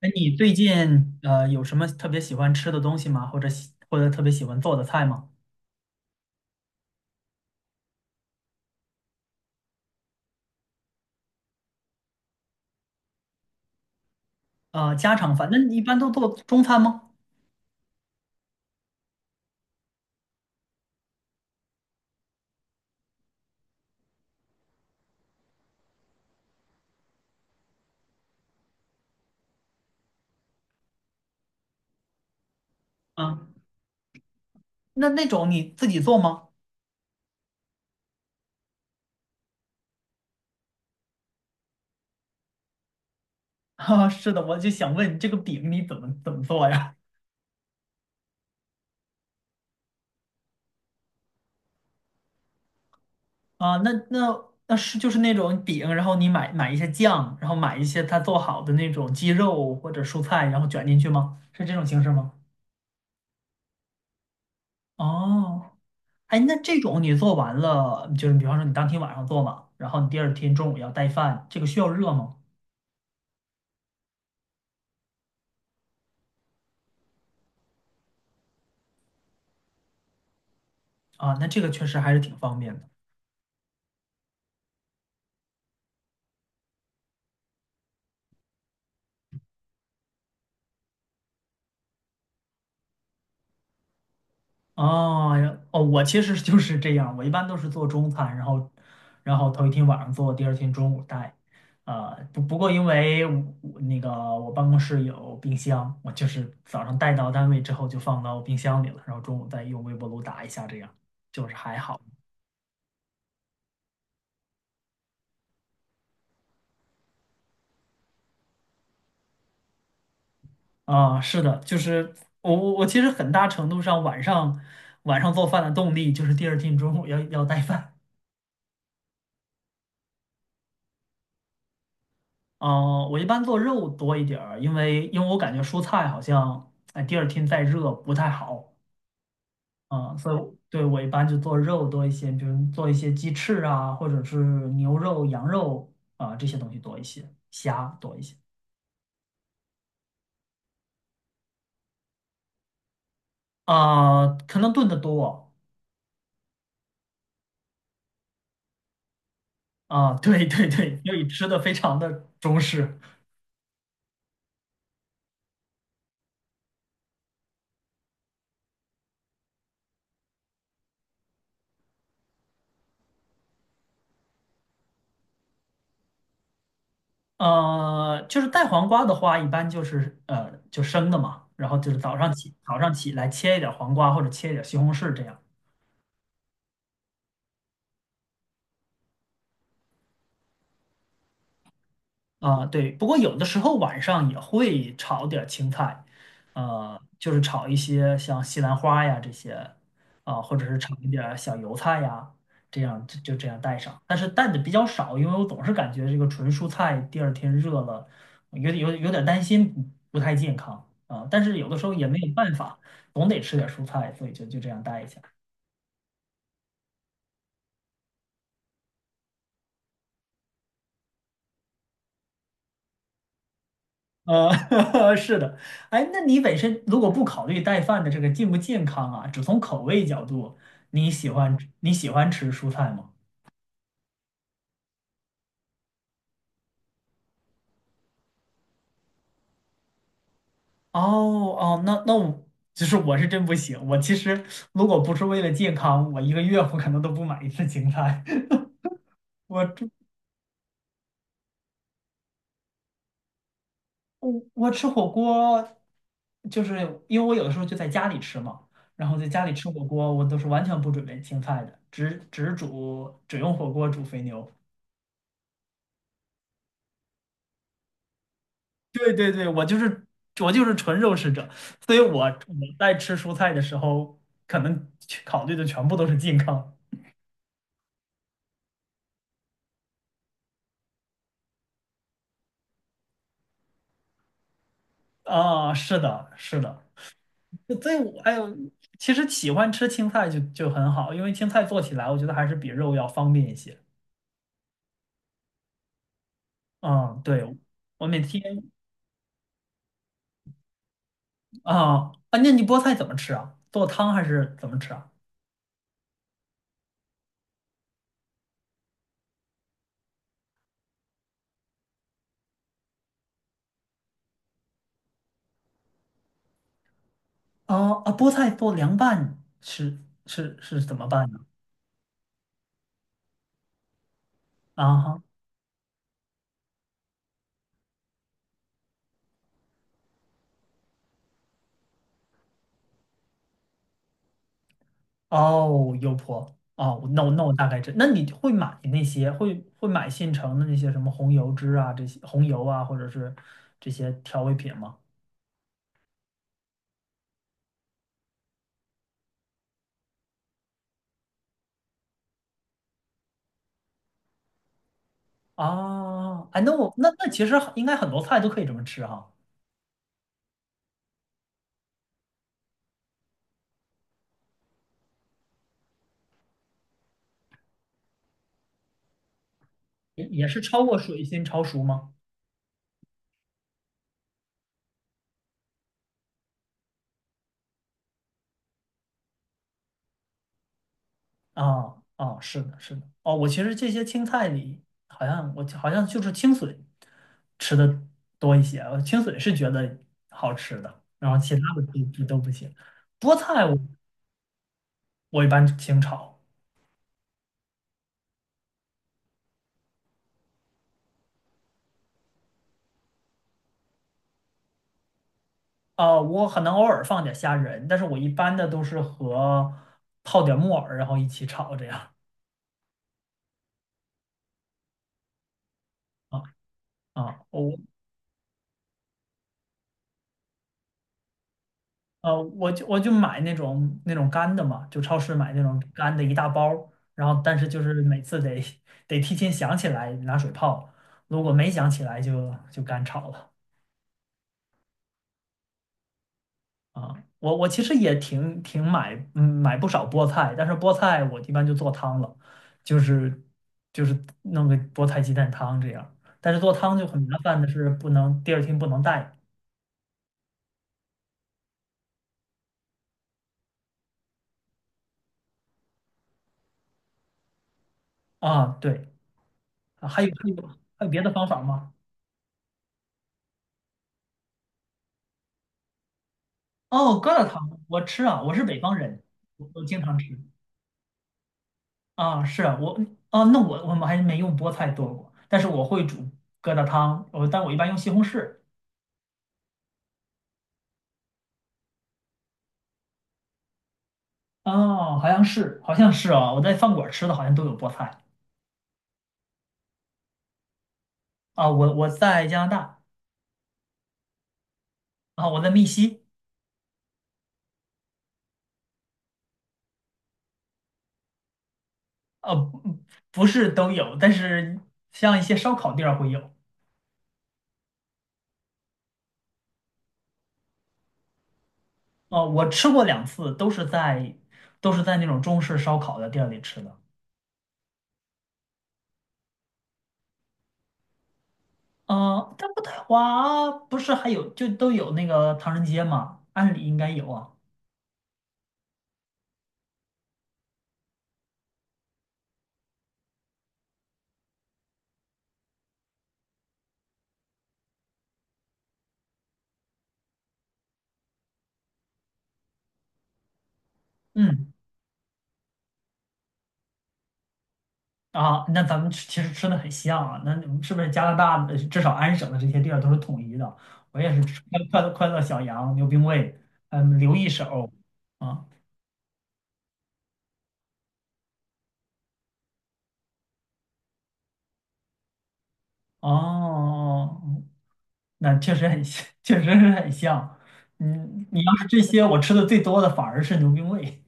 哎，你最近有什么特别喜欢吃的东西吗？或者或者特别喜欢做的菜吗？家常饭，那你一般都做中餐吗？啊，那种你自己做吗？啊，是的，我就想问这个饼你怎么做呀？啊，那是就是那种饼，然后你买一些酱，然后买一些它做好的那种鸡肉或者蔬菜，然后卷进去吗？是这种形式吗？哦。哎，那这种你做完了，就是比方说你当天晚上做嘛，然后你第二天中午要带饭，这个需要热吗？啊，那这个确实还是挺方便的。哦呀哦，我其实就是这样，我一般都是做中餐，然后头一天晚上做，第二天中午带。啊，不过因为我我那个我办公室有冰箱，我就是早上带到单位之后就放到冰箱里了，然后中午再用微波炉打一下，这样就是还好。啊，是的，就是我其实很大程度上晚上做饭的动力就是第二天中午要带饭。啊，我一般做肉多一点儿，因为我感觉蔬菜好像哎第二天再热不太好啊，所以我一般就做肉多一些，比如做一些鸡翅啊，或者是牛肉、羊肉啊这些东西多一些，虾多一些啊，可能炖的多啊，对对对，所以吃的非常的中式。就是带黄瓜的话，一般就是就生的嘛，然后就是早上起来切一点儿黄瓜或者切一点儿西红柿这样。啊，对，不过有的时候晚上也会炒点儿青菜，就是炒一些像西兰花呀这些，啊，或者是炒一点儿小油菜呀，这样就这样带上。但是带的比较少，因为我总是感觉这个纯蔬菜第二天热了，有点担心不太健康啊。但是有的时候也没有办法，总得吃点蔬菜，所以就这样带一下。是的，哎，那你本身如果不考虑带饭的这个健不健康啊，只从口味角度，你喜欢吃蔬菜吗？哦哦，那我就是我是真不行，我其实如果不是为了健康，我一个月我可能都不买一次青菜。我吃我吃火锅，就是因为我有的时候就在家里吃嘛，然后在家里吃火锅，我都是完全不准备青菜的，只用火锅煮肥牛。对对对，我就是纯肉食者，所以我在吃蔬菜的时候，可能去考虑的全部都是健康啊。是的，是的，所以我哎呦，其实喜欢吃青菜就很好，因为青菜做起来我觉得还是比肉要方便一些。嗯，对，我每天啊啊，那你菠菜怎么吃啊？做汤还是怎么吃啊？啊啊，菠菜做凉拌是怎么办呢？啊哈哦，油泼哦，那我那我大概知，那你会买那些会买现成的那些什么红油汁啊，这些红油啊，或者是这些调味品吗？啊，哎，那我那那其实应该很多菜都可以这么吃哈，也是焯过水先焯熟吗？啊啊，是的，是的，哦，我其实这些青菜里我好像就是青笋吃的多一些，青笋是觉得好吃的，然后其他的都不行，菠菜我一般清炒。我可能偶尔放点虾仁，但是我一般的都是和泡点木耳，然后一起炒这样。啊啊，我就买那种干的嘛，就超市买那种干的一大包儿然后但是就是每次得 得提前想起来拿水泡，如果没想起来就干炒了。啊，我其实也挺买，嗯，买不少菠菜，但是菠菜我一般就做汤了，就是就是弄个菠菜鸡蛋汤这样。但是做汤就很麻烦的是，不能第二天不能带啊。对，啊还有别的方法吗？哦，疙瘩汤我吃啊，我是北方人，我经常吃啊。是啊，我啊，那我们还没用菠菜做过，但是我会煮疙瘩汤，但我一般用西红柿。哦，好像是啊，我在饭馆吃的好像都有菠菜。啊，我在加拿大啊，我在密西，呃，不不是都有，但是像一些烧烤店儿会有。哦，我吃过两次，都是在那种中式烧烤的店儿里吃的。啊，但渥太华不是还有就都有那个唐人街嘛？按理应该有啊。嗯，啊，那咱们吃其实吃的很像啊。那你们是不是加拿大的至少安省的这些店儿都是统一的？我也是吃快乐小羊、牛冰味，嗯，刘一手啊。哦，哦哦那确实很像，确实是很像。嗯，你要是这些，我吃的最多的反而是牛冰味。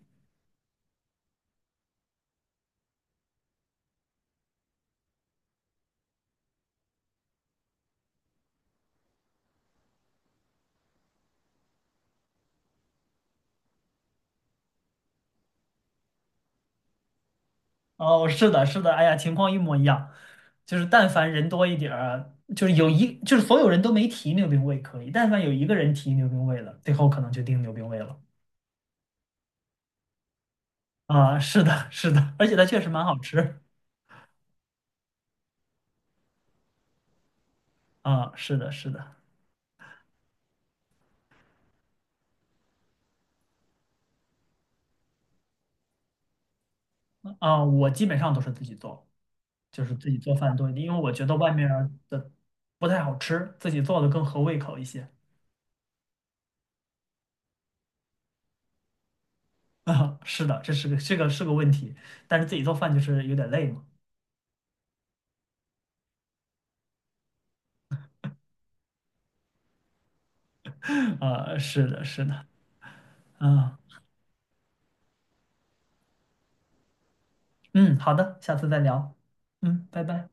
哦，是的，是的，哎呀，情况一模一样。就是但凡人多一点儿，就是就是所有人都没提牛冰味可以，但凡有一个人提牛冰味了，最后可能就定牛冰味了。啊，是的，是的，而且它确实蛮好吃。啊，是的，是的，啊，我基本上都是自己做。就是自己做饭多一点，因为我觉得外面儿的不太好吃，自己做的更合胃口一些。啊，是的，这个是个问题，但是自己做饭就是有点累嘛。啊，是的，是的，啊，嗯，好的，下次再聊，嗯，拜拜。